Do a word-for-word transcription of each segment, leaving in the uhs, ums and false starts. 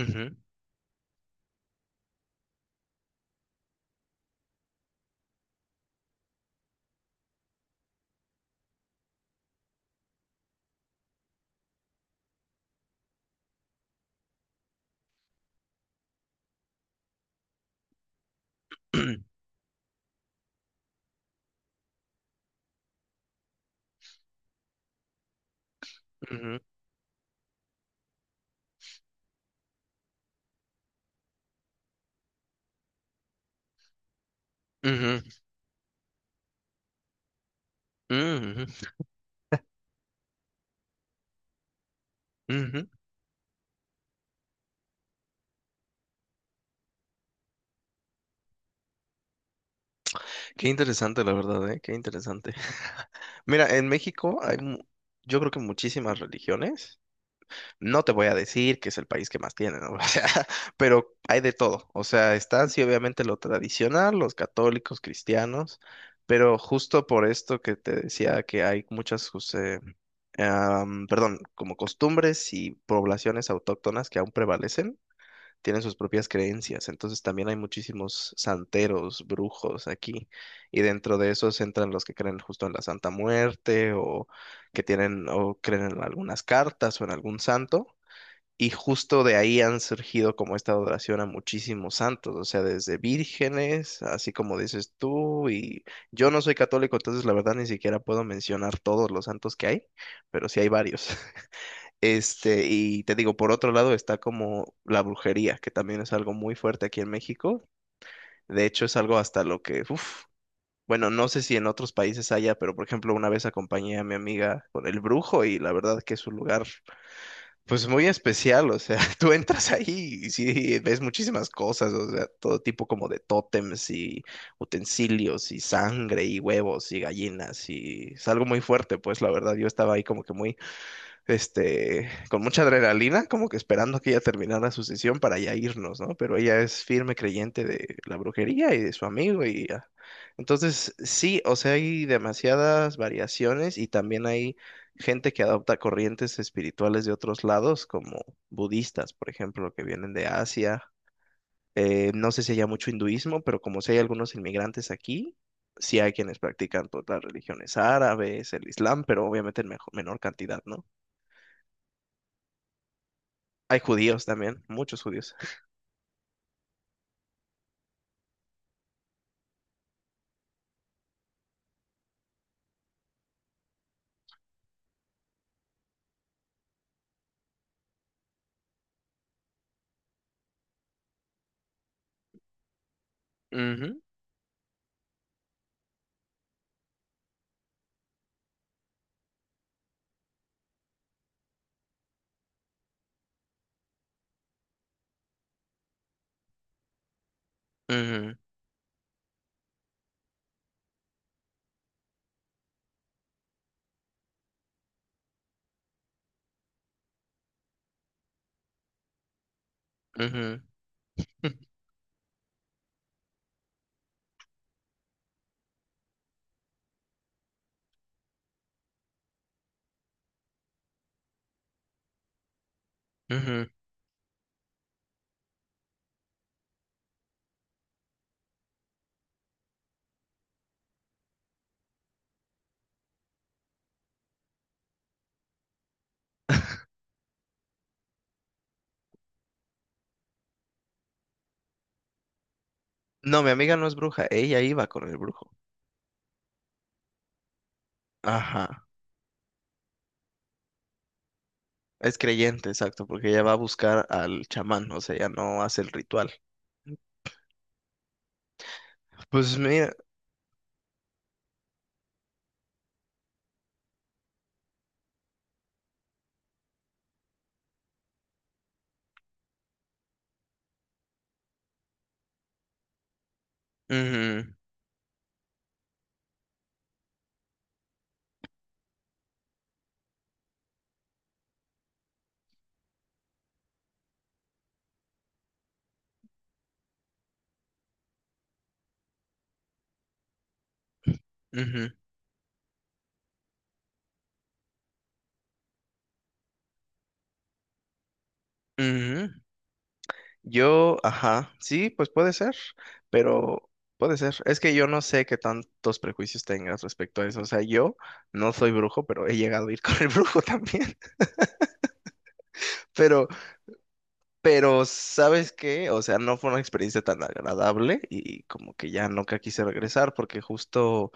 Ujú, ujú, ujú, ujú, ujú. Qué interesante, la verdad, ¿eh? Qué interesante. Mira, en México hay, mu- yo creo que muchísimas religiones. No te voy a decir que es el país que más tiene, ¿no? O sea, pero hay de todo. O sea, están sí, obviamente lo tradicional, los católicos, cristianos, pero justo por esto que te decía que hay muchas, pues, eh, am, perdón, como costumbres y poblaciones autóctonas que aún prevalecen tienen sus propias creencias. Entonces también hay muchísimos santeros, brujos aquí. Y dentro de esos entran los que creen justo en la Santa Muerte o que tienen o creen en algunas cartas o en algún santo. Y justo de ahí han surgido como esta adoración a muchísimos santos, o sea, desde vírgenes, así como dices tú, y yo no soy católico, entonces la verdad ni siquiera puedo mencionar todos los santos que hay, pero sí hay varios. Este, y te digo, por otro lado está como la brujería, que también es algo muy fuerte aquí en México. De hecho, es algo hasta lo que, uf, bueno, no sé si en otros países haya, pero por ejemplo, una vez acompañé a mi amiga con el brujo y la verdad que es un lugar, pues muy especial, o sea, tú entras ahí y sí, ves muchísimas cosas, o sea, todo tipo como de tótems y utensilios y sangre y huevos y gallinas y es algo muy fuerte, pues la verdad yo estaba ahí como que muy este, con mucha adrenalina, como que esperando que ella terminara su sesión para ya irnos, ¿no? Pero ella es firme creyente de la brujería y de su amigo y ya. Entonces, sí, o sea, hay demasiadas variaciones y también hay gente que adopta corrientes espirituales de otros lados, como budistas, por ejemplo, que vienen de Asia. Eh, no sé si haya mucho hinduismo, pero como si hay algunos inmigrantes aquí, sí hay quienes practican todas las religiones árabes, el islam, pero obviamente en mejo- menor cantidad, ¿no? Hay judíos también, muchos judíos. Ujú, ujú, ujú, ujú. No, mi amiga no es bruja, ella iba con el brujo. Ajá, es creyente, exacto, porque ella va a buscar al chamán, o sea, ella no hace el ritual. Pues mira, ujú, ujú, ujú. Yo, ajá, sí, pues puede ser, pero puede ser. Es que yo no sé qué tantos prejuicios tengas respecto a eso. O sea, yo no soy brujo, pero he llegado a ir con el brujo también. Pero Pero, ¿sabes qué? O sea, no fue una experiencia tan agradable y como que ya nunca quise regresar porque justo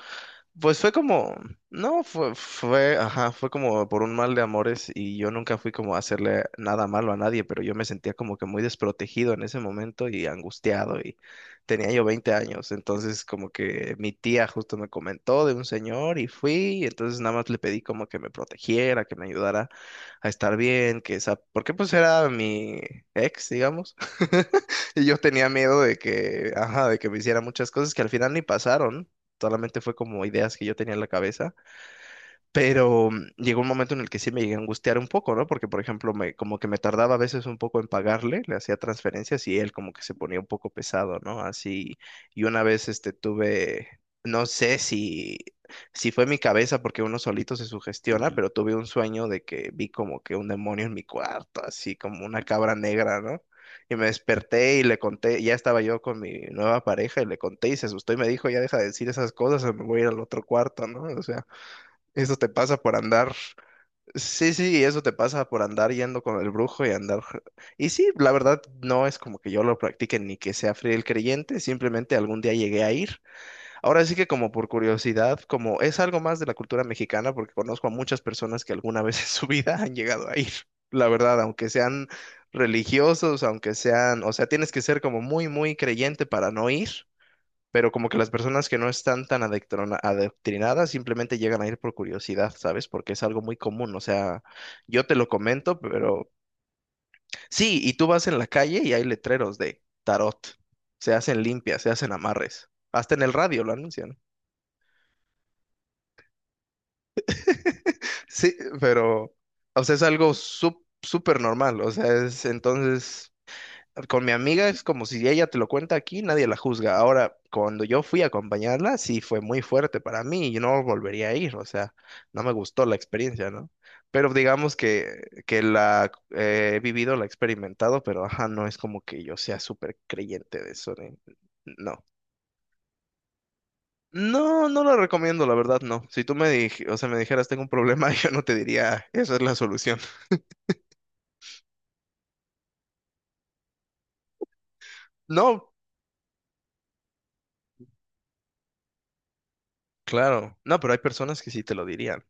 pues fue como, no, fue, fue, ajá, fue como por un mal de amores y yo nunca fui como a hacerle nada malo a nadie, pero yo me sentía como que muy desprotegido en ese momento y angustiado y tenía yo veinte años, entonces como que mi tía justo me comentó de un señor y fui, y entonces nada más le pedí como que me protegiera, que me ayudara a estar bien, que esa, porque pues era mi ex, digamos, y yo tenía miedo de que, ajá, de que me hiciera muchas cosas que al final ni pasaron. Solamente fue como ideas que yo tenía en la cabeza. Pero mm, llegó un momento en el que sí me llegué a angustiar un poco, ¿no? Porque, por ejemplo, me, como que me tardaba a veces un poco en pagarle, le hacía transferencias y él como que se ponía un poco pesado, ¿no? Así, y una vez este tuve, no sé si, si fue mi cabeza porque uno solito se sugestiona, pero tuve un sueño de que vi como que un demonio en mi cuarto, así como una cabra negra, ¿no? Y me desperté y le conté, ya estaba yo con mi nueva pareja y le conté y se asustó y me dijo, ya deja de decir esas cosas o me voy a ir al otro cuarto, ¿no? O sea. Eso te pasa por andar. Sí, sí, eso te pasa por andar yendo con el brujo y andar. Y sí, la verdad no es como que yo lo practique ni que sea fiel creyente, simplemente algún día llegué a ir. Ahora sí que como por curiosidad, como es algo más de la cultura mexicana, porque conozco a muchas personas que alguna vez en su vida han llegado a ir. La verdad, aunque sean religiosos, aunque sean, o sea, tienes que ser como muy, muy creyente para no ir pero como que las personas que no están tan adectrona- adoctrinadas simplemente llegan a ir por curiosidad, ¿sabes? Porque es algo muy común, o sea, yo te lo comento, pero sí, y tú vas en la calle y hay letreros de tarot, se hacen limpias, se hacen amarres, hasta en el radio lo anuncian. Sí, pero, o sea, es algo sup- súper normal, o sea, es entonces... con mi amiga es como si ella te lo cuenta aquí, nadie la juzga. Ahora, cuando yo fui a acompañarla, sí fue muy fuerte para mí y no volvería a ir, o sea, no me gustó la experiencia, ¿no? Pero digamos que, que la eh, he vivido, la he experimentado, pero ajá, no es como que yo sea súper creyente de eso, de- no. No, no lo recomiendo, la verdad, no. Si tú me dij- o sea, me dijeras tengo un problema, yo no te diría, esa es la solución. No, claro. No, pero hay personas que sí te lo dirían.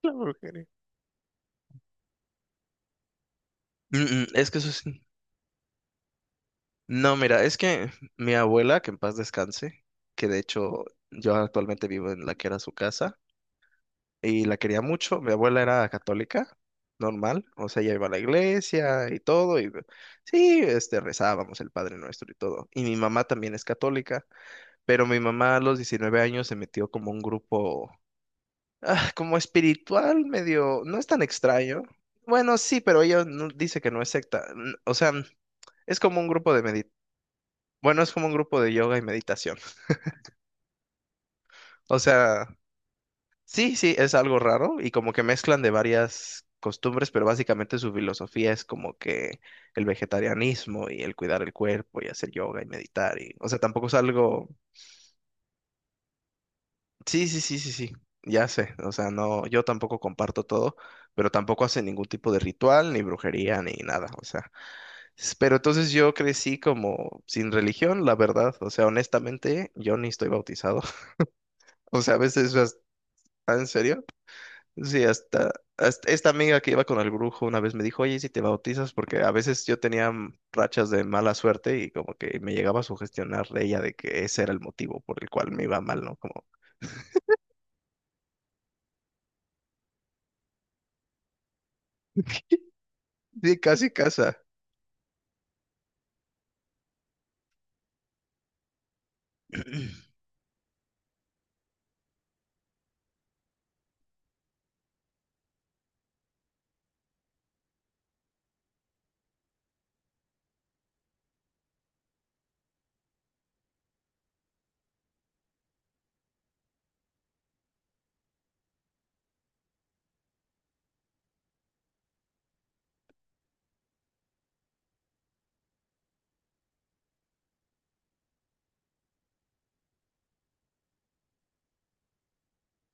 Claro, Eugenio. Mm, mm, es que eso es No, mira, es que mi abuela, que en paz descanse, que de hecho yo actualmente vivo en la que era su casa y la quería mucho. Mi abuela era católica, normal, o sea, ella iba a la iglesia y todo, y sí, este, rezábamos el Padre Nuestro y todo. Y mi mamá también es católica, pero mi mamá a los diecinueve años se metió como un grupo, ah, como espiritual, medio, no es tan extraño. Bueno, sí, pero ella no- dice que no es secta, n- o sea, es como un grupo de bueno, es como un grupo de yoga y meditación. O sea, sí, sí, es algo raro y como que mezclan de varias costumbres, pero básicamente su filosofía es como que el vegetarianismo y el cuidar el cuerpo y hacer yoga y meditar y, o sea, tampoco es algo... Sí, sí, sí, sí, sí, ya sé. O sea, no, yo tampoco comparto todo, pero tampoco hace ningún tipo de ritual, ni brujería, ni nada. O sea, s- pero entonces yo crecí como sin religión, la verdad. O sea, honestamente, yo ni estoy bautizado. O sea, a veces ah, ¿en serio? Sí, hasta, hasta esta amiga que iba con el brujo una vez me dijo, oye, ¿y si te bautizas? Porque a veces yo tenía mm, rachas de mala suerte y como que me llegaba a sugestionar ella de que ese era el motivo por el cual me iba mal, ¿no? Como, sí, casi casa.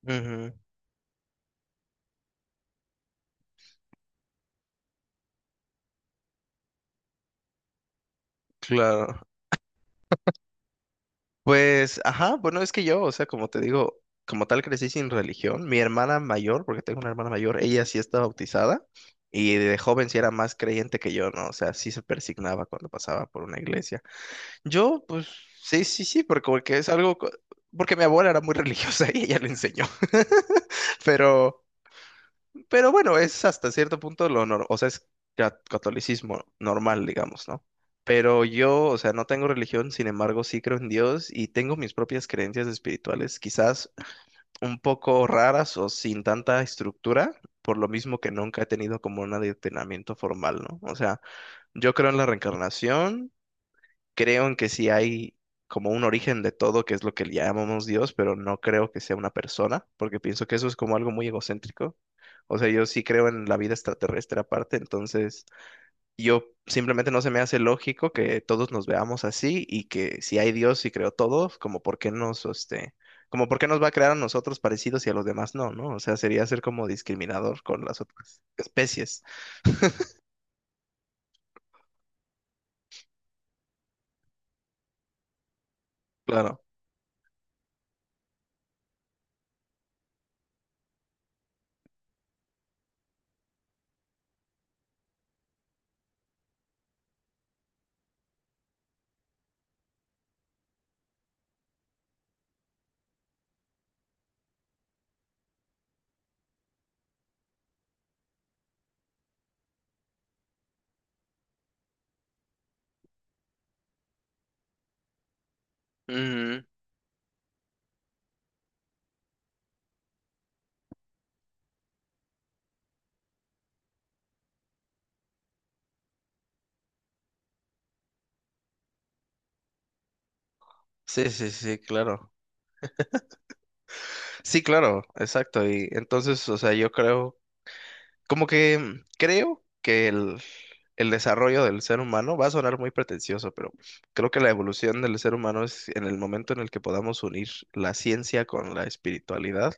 Ujú, claro. Pues, ajá, bueno, es que yo, o sea, como te digo, como tal crecí sin religión. Mi hermana mayor, porque tengo una hermana mayor, ella sí está bautizada y de joven sí era más creyente que yo, ¿no? O sea, sí se persignaba cuando pasaba por una iglesia. Yo, pues, sí, sí, sí, porque, porque es algo, co- porque mi abuela era muy religiosa y ella le enseñó. Pero, pero bueno, es hasta cierto punto lo normal, o sea, es ca- catolicismo normal, digamos, ¿no? Pero yo, o sea, no tengo religión, sin embargo, sí creo en Dios y tengo mis propias creencias espirituales, quizás un poco raras o sin tanta estructura, por lo mismo que nunca he tenido como un adoctrinamiento formal, ¿no? O sea, yo creo en la reencarnación, creo en que sí hay como un origen de todo, que es lo que le llamamos Dios, pero no creo que sea una persona, porque pienso que eso es como algo muy egocéntrico. O sea, yo sí creo en la vida extraterrestre aparte, entonces yo simplemente no se me hace lógico que todos nos veamos así y que si hay Dios y creó todos como por qué nos, este, como por qué nos va a crear a nosotros parecidos y a los demás no, ¿no? O sea, sería ser como discriminador con las otras especies. Claro. Ujú. Sí, sí, sí, claro. Sí, claro, exacto. Y entonces, o sea, yo creo, como que mm, creo que el, el desarrollo del ser humano va a sonar muy pretencioso, pero creo que la evolución del ser humano es en el momento en el que podamos unir la ciencia con la espiritualidad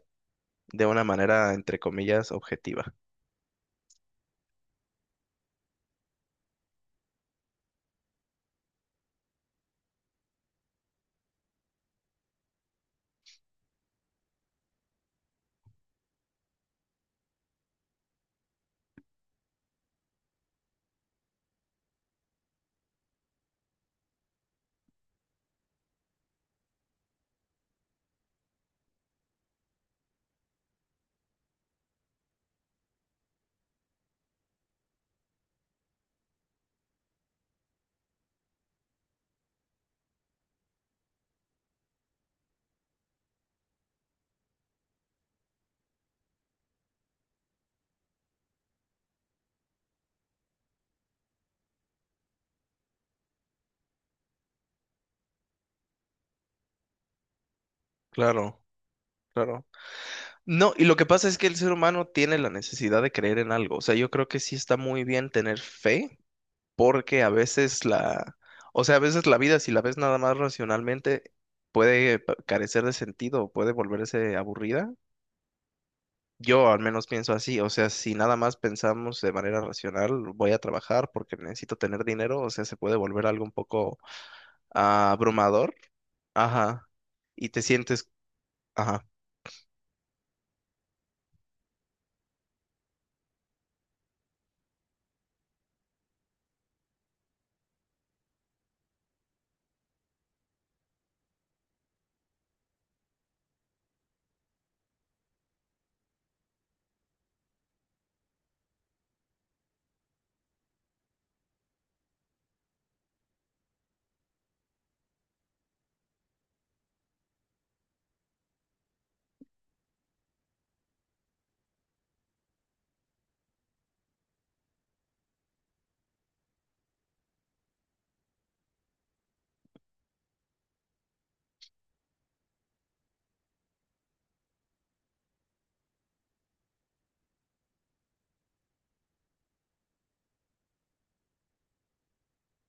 de una manera, entre comillas, objetiva. Claro, claro. No, y lo que pasa es que el ser humano tiene la necesidad de creer en algo. O sea, yo creo que sí está muy bien tener fe porque a veces la, o sea, a veces la vida, si la ves nada más racionalmente, puede pa- carecer de sentido, puede volverse aburrida. Yo al menos pienso así, o sea, si nada más pensamos de manera racional, voy a trabajar porque necesito tener dinero, o sea, se puede volver algo un poco ah, abrumador, ajá, y te sientes, ajá,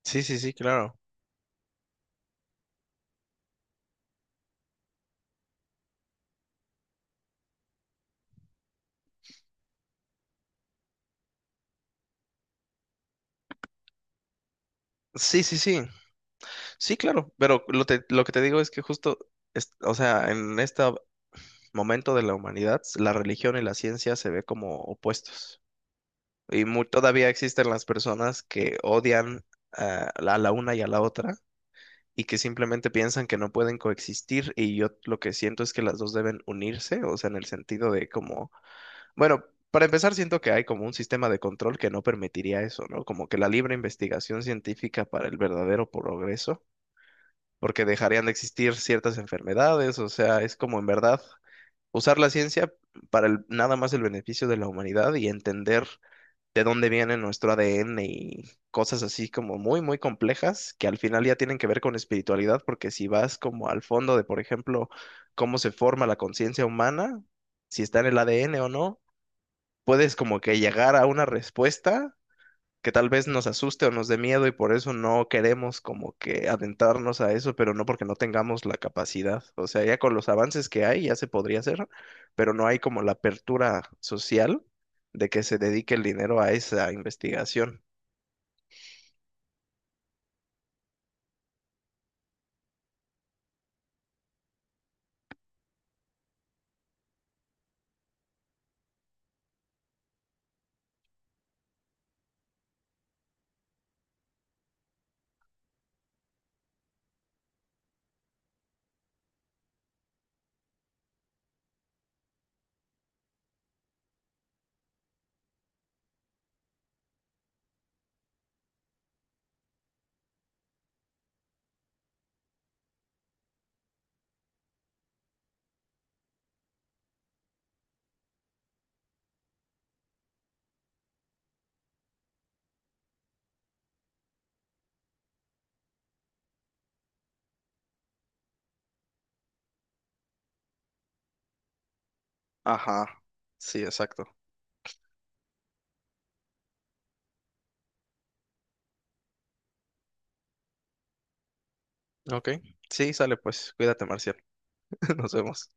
sí, sí, sí, claro. Sí, sí, sí, sí, claro, pero lo, te- lo que te digo es que justo, es- o sea, en esta momento de la humanidad, la religión y la ciencia se ve como opuestos. Y mu- todavía existen las personas que odian ah, a la una y a la otra y que simplemente piensan que no pueden coexistir. Y yo lo que siento es que las dos deben unirse, o sea, en el sentido de como, bueno, para empezar, siento que hay como un sistema de control que no permitiría eso, ¿no? Como que la libre investigación científica para el verdadero progreso, porque dejarían de existir ciertas enfermedades, o sea, es como en verdad usar la ciencia para el- nada más el beneficio de la humanidad y entender de dónde viene nuestro A D N y cosas así como muy, muy complejas que al final ya tienen que ver con espiritualidad, porque si vas como al fondo de, por ejemplo, cómo se forma la conciencia humana, si está en el A D N o no, puedes como que llegar a una respuesta que tal vez nos asuste o nos dé miedo y por eso no queremos como que adentrarnos a eso, pero no porque no tengamos la capacidad. O sea, ya con los avances que hay ya se podría hacer, pero no hay como la apertura social de que se dedique el dinero a esa investigación. Ajá, sí, exacto. Ok, sí, sale pues, cuídate, Marcial, nos vemos.